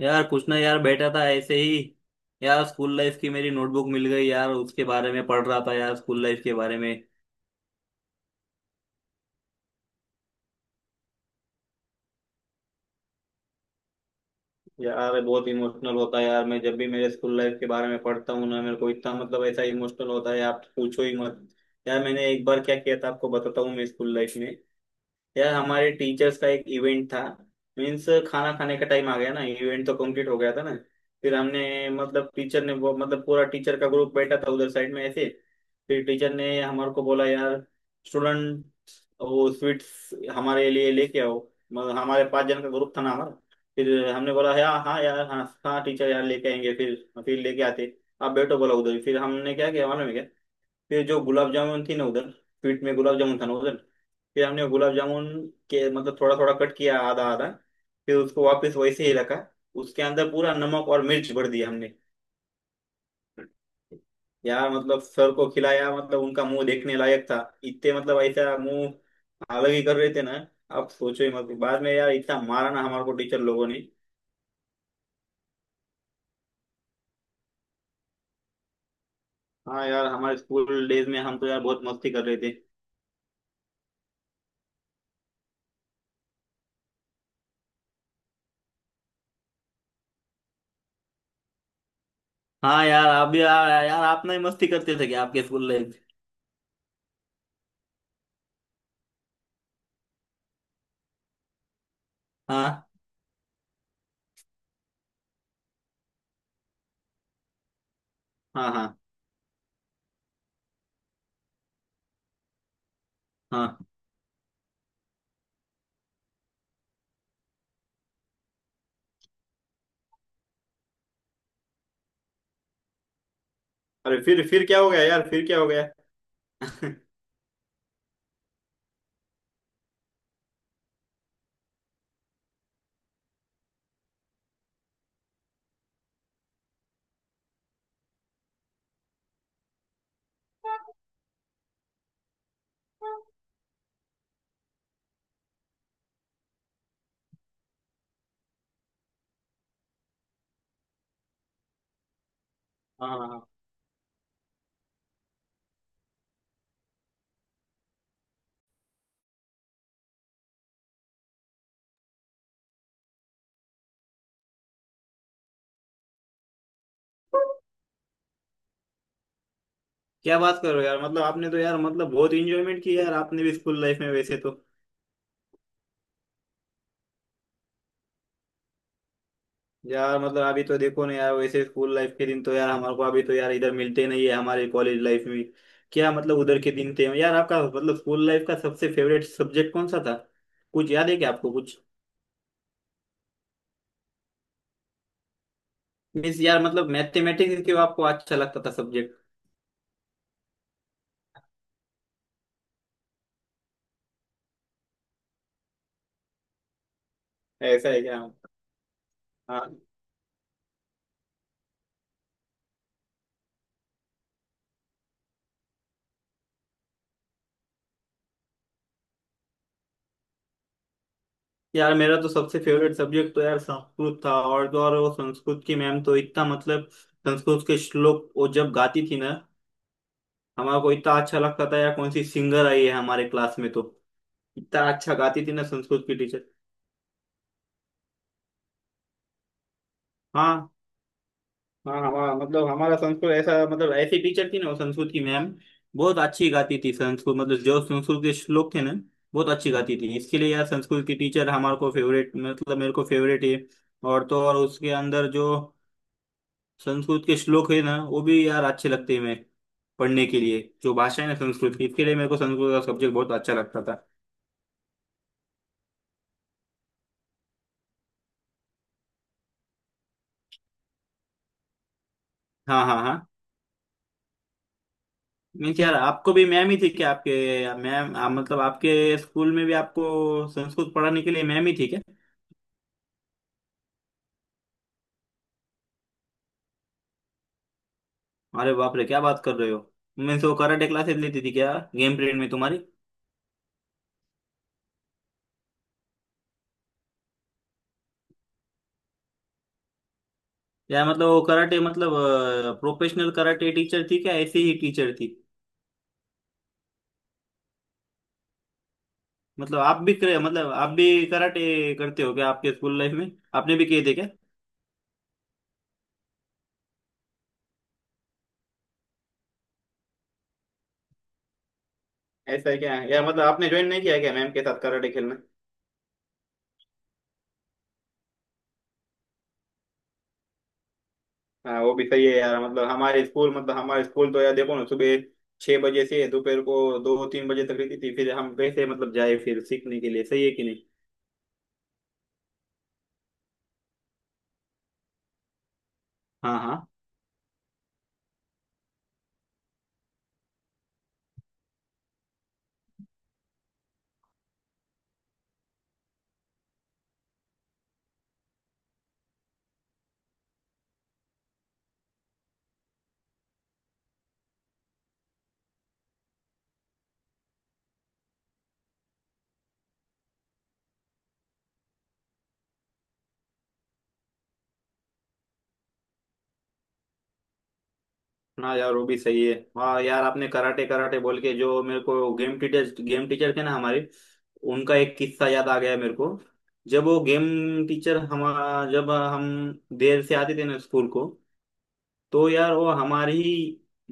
यार कुछ ना यार बैठा था ऐसे ही। यार स्कूल लाइफ की मेरी नोटबुक मिल गई यार, उसके बारे में पढ़ रहा था यार, स्कूल लाइफ के बारे में। यार मैं बहुत इमोशनल होता है यार, मैं जब भी मेरे स्कूल लाइफ के बारे में पढ़ता हूँ ना मेरे को इतना मतलब ऐसा इमोशनल होता है, आप पूछो ही मत। यार मैंने एक बार क्या किया था आपको बताता हूँ, मैं स्कूल लाइफ में। यार हमारे टीचर्स का एक इवेंट था। मीन्स खाना खाने का टाइम आ गया ना, इवेंट तो कंप्लीट हो गया था ना। फिर हमने मतलब टीचर ने वो मतलब पूरा टीचर का ग्रुप बैठा था उधर साइड में ऐसे। फिर टीचर ने हमारे को बोला यार, स्टूडेंट तो वो स्वीट्स हमारे लिए लेके आओ। मगर हमारे पाँच जन का ग्रुप था ना हमारा। फिर हमने बोला यार, हाँ यार, हाँ हाँ टीचर, यार लेके आएंगे। फिर लेके आते आप बैठो बोला उधर ही। फिर हमने क्या किया मालूम है क्या? फिर जो गुलाब जामुन थी ना उधर, स्वीट में गुलाब जामुन था ना उधर। फिर हमने गुलाब जामुन के मतलब थोड़ा थोड़ा कट किया, आधा आधा। फिर उसको वापस वैसे ही रखा। उसके अंदर पूरा नमक और मिर्च भर दिया हमने। यार मतलब सर को खिलाया, मतलब उनका मुंह देखने लायक था। इतने मतलब ऐसा मुंह अलग ही कर रहे थे ना। आप सोचो ही मत, बाद में यार इतना मारा ना हमारे को टीचर लोगों ने। हाँ यार हमारे स्कूल डेज में हम तो यार बहुत मस्ती कर रहे थे। हाँ यार आप भी यार, आप नहीं मस्ती करते थे क्या आपके स्कूल लाइफ? हाँ हाँ हाँ हाँ। अरे फिर क्या हो गया यार, फिर क्या हो गया? हाँ हाँ हाँ। क्या बात कर रहे हो यार, मतलब आपने तो यार मतलब बहुत इंजॉयमेंट किया यार आपने भी स्कूल लाइफ में वैसे तो। यार मतलब अभी तो देखो ना यार, वैसे स्कूल लाइफ के दिन तो यार हमारे को अभी तो यार इधर मिलते नहीं है हमारे कॉलेज लाइफ में। क्या मतलब उधर के दिन थे यार। आपका मतलब स्कूल लाइफ का सबसे फेवरेट सब्जेक्ट कौन सा था? कुछ याद है क्या आपको कुछ? मीन्स यार मतलब मैथमेटिक्स क्यों आपको अच्छा लगता था सब्जेक्ट? ऐसा है क्या? हाँ यार, मेरा तो सबसे फेवरेट सब्जेक्ट तो यार संस्कृत था और तो और वो संस्कृत की मैम तो इतना मतलब संस्कृत के श्लोक वो जब गाती थी ना हमारा को इतना अच्छा लगता था यार, कौन सी सिंगर आई है हमारे क्लास में तो। इतना अच्छा गाती थी ना संस्कृत की टीचर। हाँ हाँ, हमारा मतलब हमारा संस्कृत ऐसा मतलब ऐसी टीचर थी ना वो संस्कृत की मैम। बहुत अच्छी गाती थी संस्कृत, मतलब जो संस्कृत के श्लोक थे ना बहुत अच्छी गाती थी। इसके लिए यार संस्कृत की टीचर हमारे को फेवरेट, मतलब मेरे को फेवरेट है। और तो और उसके अंदर जो संस्कृत के श्लोक है ना वो भी यार अच्छे लगते हैं मेरे पढ़ने के लिए। जो भाषा है ना संस्कृत की, इसके लिए मेरे को संस्कृत का सब्जेक्ट बहुत अच्छा लगता था। हाँ हाँ हाँ। नहीं तो यार आपको भी मैम ही थी क्या? आपके मैम, आप मतलब आपके स्कूल में भी आपको संस्कृत पढ़ाने के लिए मैम ही थी क्या? अरे बाप रे, क्या बात कर रहे हो! मैं तो कराटे क्लासेस लेती थी क्या गेम पीरियड में तुम्हारी? यार मतलब वो कराटे मतलब प्रोफेशनल कराटे टीचर थी क्या, ऐसी ही टीचर थी? मतलब आप भी करे, मतलब आप भी कराटे करते हो क्या आपके स्कूल लाइफ में? आपने भी किए थे क्या? ऐसा है क्या? यार मतलब आपने ज्वाइन नहीं किया क्या मैम के साथ कराटे खेलना? हाँ वो भी सही है यार। मतलब हमारे स्कूल तो यार देखो ना, सुबह 6 बजे से दोपहर को दो तीन बजे तक रहती थी। फिर हम कैसे मतलब जाए फिर सीखने के लिए, सही है कि नहीं? हाँ हाँ। हाँ यार वो भी सही है। हाँ यार आपने कराटे कराटे बोल के जो मेरे को गेम टीचर थे ना हमारे, उनका एक किस्सा याद आ गया मेरे को। जब वो गेम टीचर, हम जब हम देर से आते थे ना स्कूल को तो यार वो हमारी ही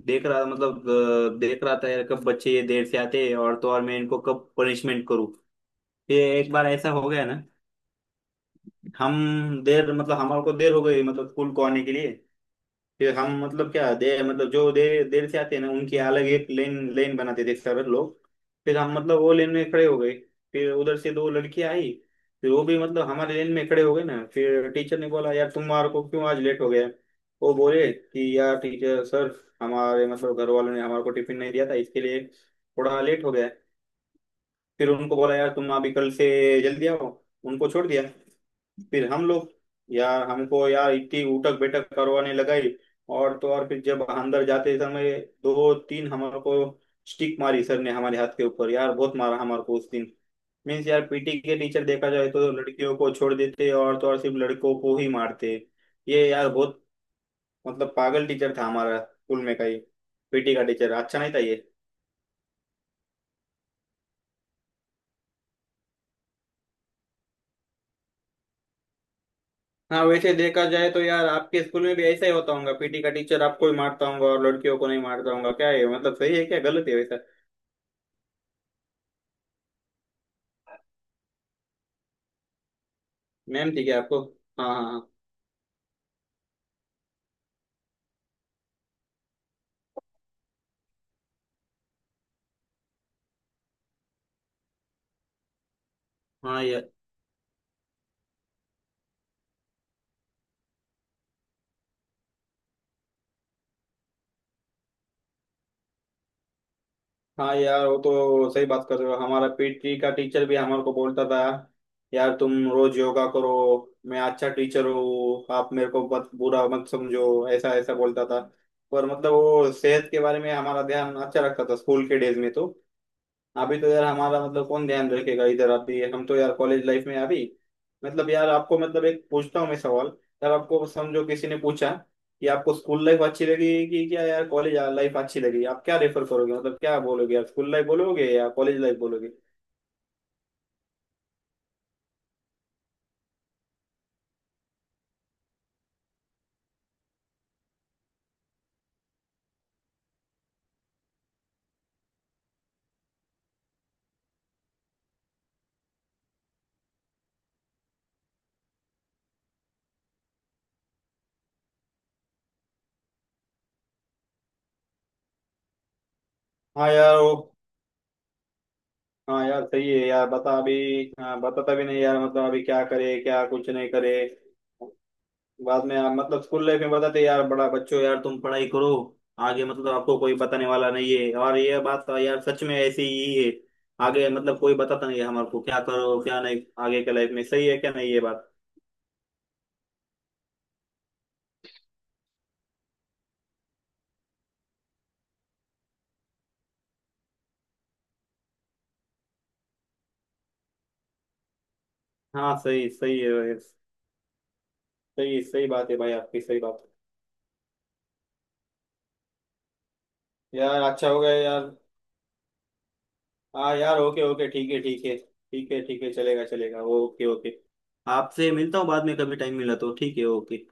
देख रहा मतलब देख रहा था यार, कब बच्चे ये देर से आते हैं और तो और मैं इनको कब पनिशमेंट करूँ। ये एक बार ऐसा हो गया ना, हम देर मतलब हमारे को देर हो गई, मतलब स्कूल को आने के लिए। फिर हम मतलब क्या दे मतलब जो देर देर से आते हैं ना उनकी अलग एक लेन लेन बनाते थे सर लोग। फिर हम मतलब वो लेन में खड़े हो गए। फिर उधर से दो लड़कियां आई। फिर वो भी मतलब हमारे लेन में खड़े हो गए ना। फिर टीचर ने बोला यार, तुम्हारे को क्यों आज लेट हो गया? वो बोले कि यार टीचर सर, हमारे मतलब घर वालों ने हमारे को टिफिन नहीं दिया था इसके लिए थोड़ा लेट हो गया। फिर उनको बोला यार तुम अभी कल से जल्दी आओ, उनको छोड़ दिया। फिर हम लोग यार, हमको यार इतनी उठक बैठक करवाने लगाई। और तो और फिर जब अंदर जाते समय दो तीन हमारे को स्टिक मारी सर ने हमारे हाथ के ऊपर, यार बहुत मारा हमारे को उस दिन। मीन्स यार पीटी के टीचर देखा जाए तो लड़कियों को छोड़ देते और तो और सिर्फ लड़कों को ही मारते। ये यार बहुत मतलब पागल टीचर था हमारा स्कूल में का ही। पीटी का टीचर अच्छा नहीं था ये। हाँ वैसे देखा जाए तो यार आपके स्कूल में भी ऐसा ही होता होगा, पीटी का टीचर आपको ही मारता होगा और लड़कियों को नहीं मारता होगा क्या है, मतलब सही है क्या गलत है वैसा? मैम ठीक है आपको? हाँ हाँ। हाँ हाँ यार। हाँ यार वो तो सही बात कर रहे हो, हमारा पीटी का टीचर भी हमारे को बोलता था यार तुम रोज योगा करो, मैं अच्छा टीचर हूँ, आप मेरे को मत बुरा मत समझो, ऐसा ऐसा बोलता था। पर मतलब वो सेहत के बारे में हमारा ध्यान अच्छा रखता था स्कूल के डेज में तो। अभी तो यार हमारा मतलब कौन ध्यान रखेगा इधर, अभी हम तो यार कॉलेज लाइफ में अभी। मतलब यार आपको, मतलब एक पूछता हूँ मैं सवाल। यार आपको समझो किसी ने पूछा कि आपको स्कूल लाइफ अच्छी लगी कि क्या यार कॉलेज लाइफ अच्छी लगी, आप क्या रेफर करोगे, मतलब क्या बोलोगे यार, स्कूल लाइफ बोलोगे या कॉलेज लाइफ बोलोगे? हाँ यार वो, हाँ यार सही है यार, बता अभी। हाँ बताता भी नहीं यार मतलब अभी क्या करे क्या कुछ नहीं करे। बाद में आप मतलब स्कूल लाइफ में बताते यार, बड़ा बच्चों यार तुम पढ़ाई करो। आगे मतलब आपको कोई बताने वाला नहीं है, और ये बात तो यार सच में ऐसी ही है। आगे मतलब कोई बताता नहीं है हमारे को क्या करो क्या नहीं आगे के लाइफ में, सही है क्या नहीं ये बात? हाँ सही सही है भाई। सही सही बात है भाई, आपकी सही बात है। यार अच्छा हो गया यार। हाँ यार ओके ओके, ठीक है ठीक है, ठीक है ठीक है, चलेगा चलेगा, ओके ओके। आपसे मिलता हूँ बाद में कभी टाइम मिला तो, ठीक है, ओके।